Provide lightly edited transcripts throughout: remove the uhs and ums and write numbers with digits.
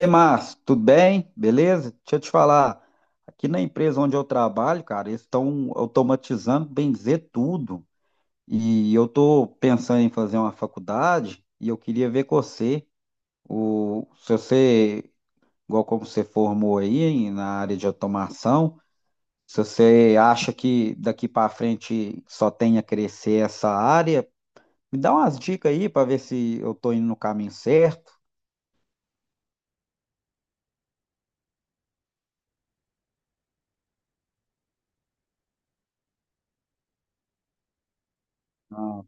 E Márcio, tudo bem? Beleza? Deixa eu te falar, aqui na empresa onde eu trabalho, cara, eles estão automatizando, bem dizer, tudo. E eu tô pensando em fazer uma faculdade e eu queria ver com você, o, se você, igual como você formou aí na área de automação, se você acha que daqui para frente só tem a crescer essa área, me dá umas dicas aí para ver se eu tô indo no caminho certo. Ah,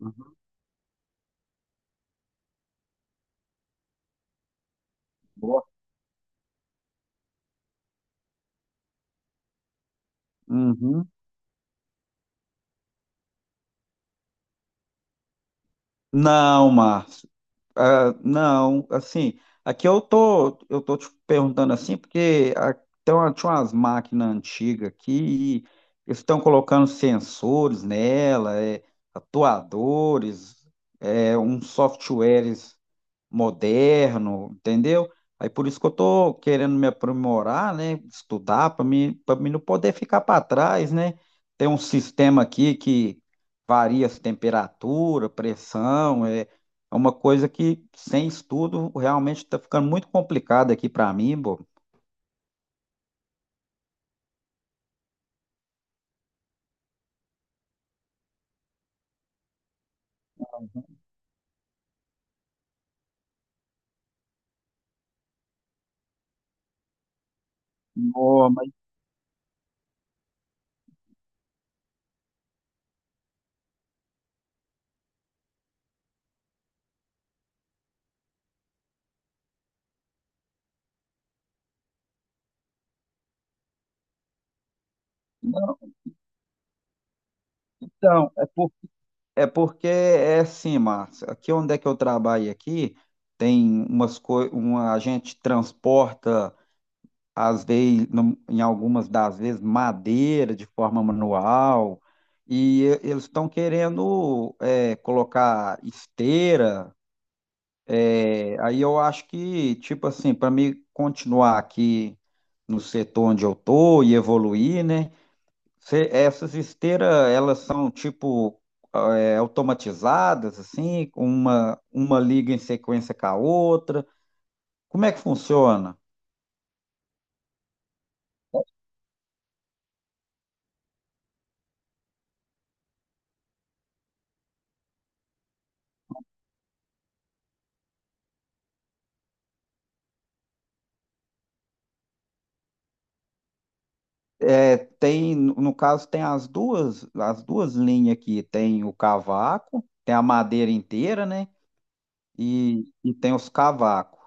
uhum, boa. Uhum. Não, Márcio. Ah, não, assim, aqui eu tô te perguntando assim, porque tem tinha umas máquinas antigas aqui, e eles estão colocando sensores nela, é, atuadores, é, uns softwares moderno, entendeu? Aí por isso que eu tô querendo me aprimorar, né? Estudar para mim não poder ficar para trás, né? Tem um sistema aqui que varia as temperatura, pressão, é uma coisa que sem estudo realmente está ficando muito complicado aqui para mim, pô. Não, mas não, então, é porque é assim, Márcio, aqui onde é que eu trabalho aqui, tem umas coisas, uma, a gente transporta às vezes, em algumas das vezes, madeira de forma manual, e eles estão querendo é, colocar esteira. É, aí eu acho que, tipo assim, para mim continuar aqui no setor onde eu tô e evoluir, né? Essas esteiras, elas são tipo é, automatizadas, assim, com uma liga em sequência com a outra. Como é que funciona? É, tem, no caso, tem as duas linhas aqui. Tem o cavaco, tem a madeira inteira, né? E tem os cavacos.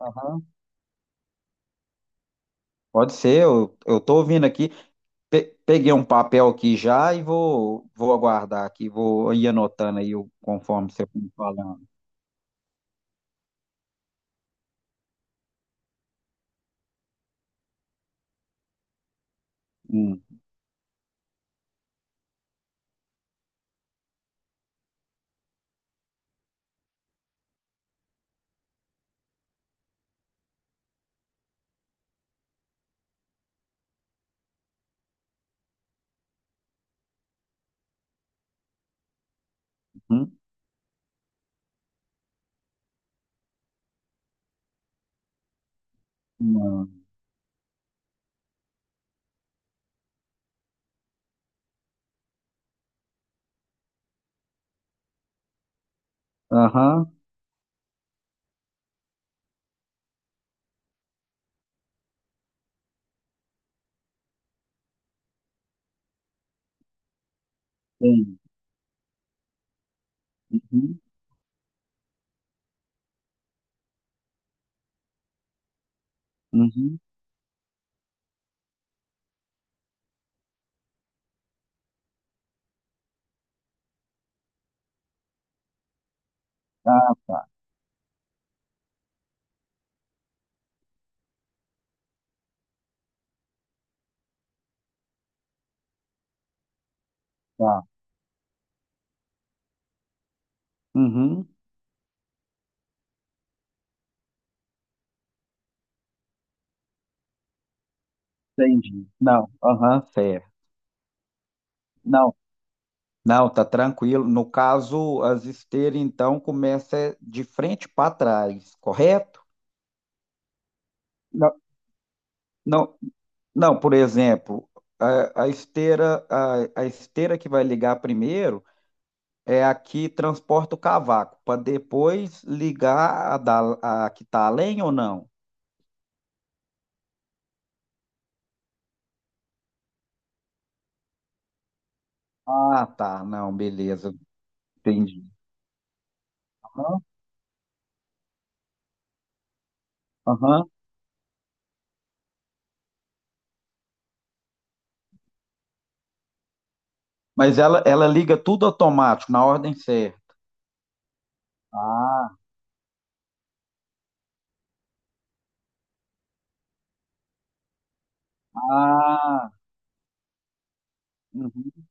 Aham. Pode ser, eu tô ouvindo aqui. Peguei um papel aqui já e vou, vou aguardar aqui, vou ir anotando aí conforme você for me falando. Hum, hum, hum. Aham, tem. Uhum, uhum. Ah, tá, tá. Uhum, entendi. Não, aham, certo. Não, não, tá tranquilo. No caso, as esteiras, então, começa é de frente para trás, correto? Não, não, não, por exemplo, a esteira que vai ligar primeiro é a que transporta o cavaco, para depois ligar a que está além ou não? Ah, tá, não, beleza, entendi. Aham, aham. Mas ela liga tudo automático, na ordem certa. Ah, ah, uhum.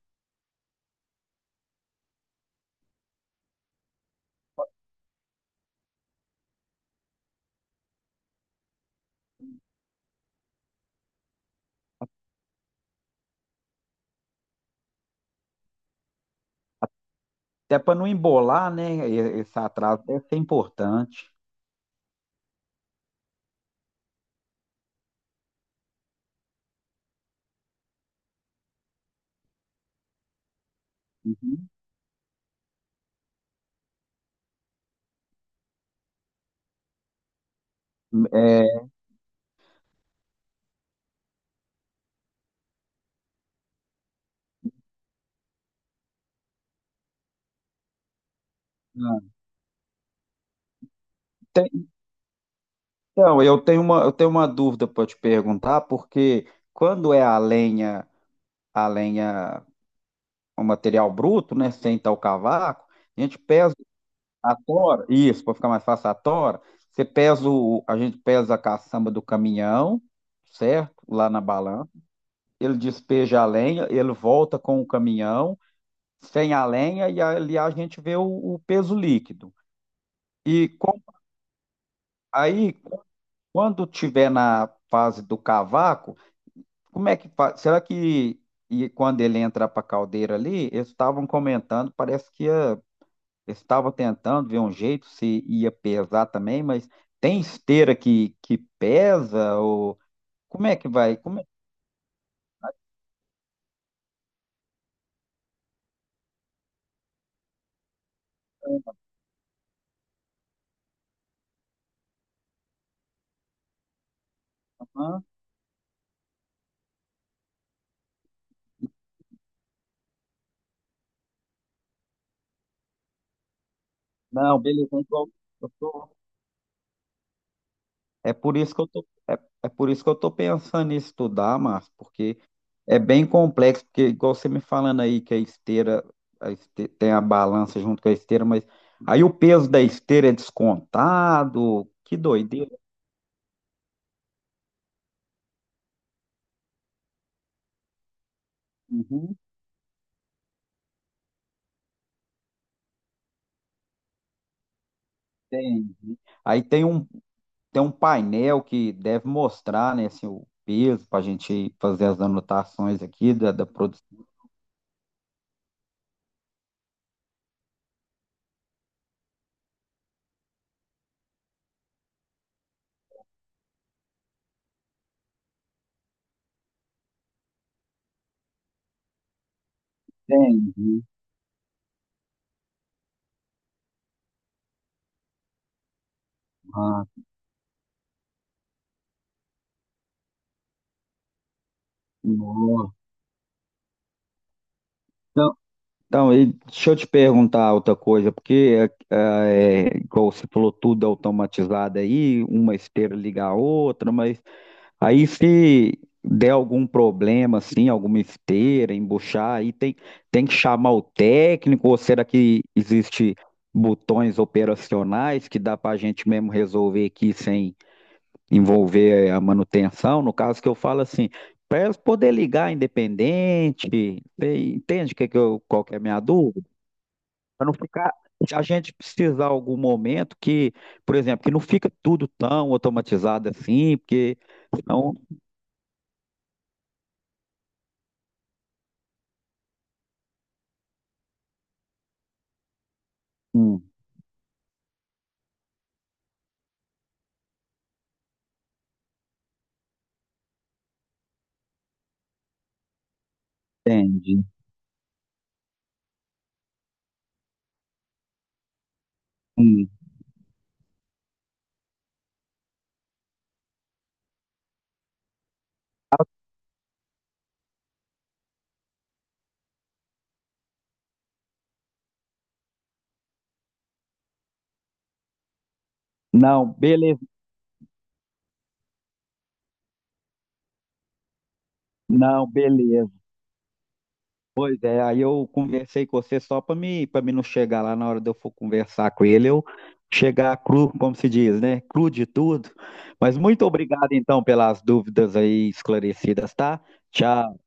Até para não embolar, né? Esse atraso deve ser importante. Uhum. É, te- então, eu tenho uma dúvida para te perguntar, porque quando é a lenha, o material bruto, né? Sem tal cavaco, a gente pesa a tora, isso, para ficar mais fácil a tora, a gente pesa a caçamba do caminhão, certo? Lá na balança. Ele despeja a lenha, ele volta com o caminhão, sem a lenha e ali a gente vê o peso líquido. E com- Aí, quando tiver na fase do cavaco, como é que faz? Será que e quando ele entra para a caldeira ali, eles estavam comentando, parece que ia, estava tentando ver um jeito se ia pesar também, mas tem esteira que pesa ou como é que vai? Como é que Hã? Não, beleza, então eu tô- é por isso que eu tô, é, é por isso que eu tô pensando em estudar, Márcio, porque é bem complexo, porque igual você me falando aí que a esteira, tem a balança junto com a esteira, mas aí o peso da esteira é descontado, que doideira. Uhum, entendi. Aí tem um, tem um painel que deve mostrar, né, assim, o peso para a gente fazer as anotações aqui da produção. Entendi. Ah, nossa. Então, e deixa eu te perguntar outra coisa, porque igual você falou, tudo automatizado aí, uma esteira liga a outra, mas aí se der algum problema, assim, alguma esteira, embuchar, aí tem, tem que chamar o técnico, ou será que existe botões operacionais que dá para a gente mesmo resolver aqui sem envolver a manutenção? No caso que eu falo assim, para elas poder ligar independente, você entende qual que é a minha dúvida? Para não ficar, se a gente precisar algum momento que, por exemplo, que não fica tudo tão automatizado assim, porque senão, hum, entendi. Hum. Não, beleza, não, beleza. Pois é, aí eu conversei com você só para mim não chegar lá na hora de eu for conversar com ele, eu chegar cru, como se diz, né? Cru de tudo. Mas muito obrigado então pelas dúvidas aí esclarecidas, tá? Tchau.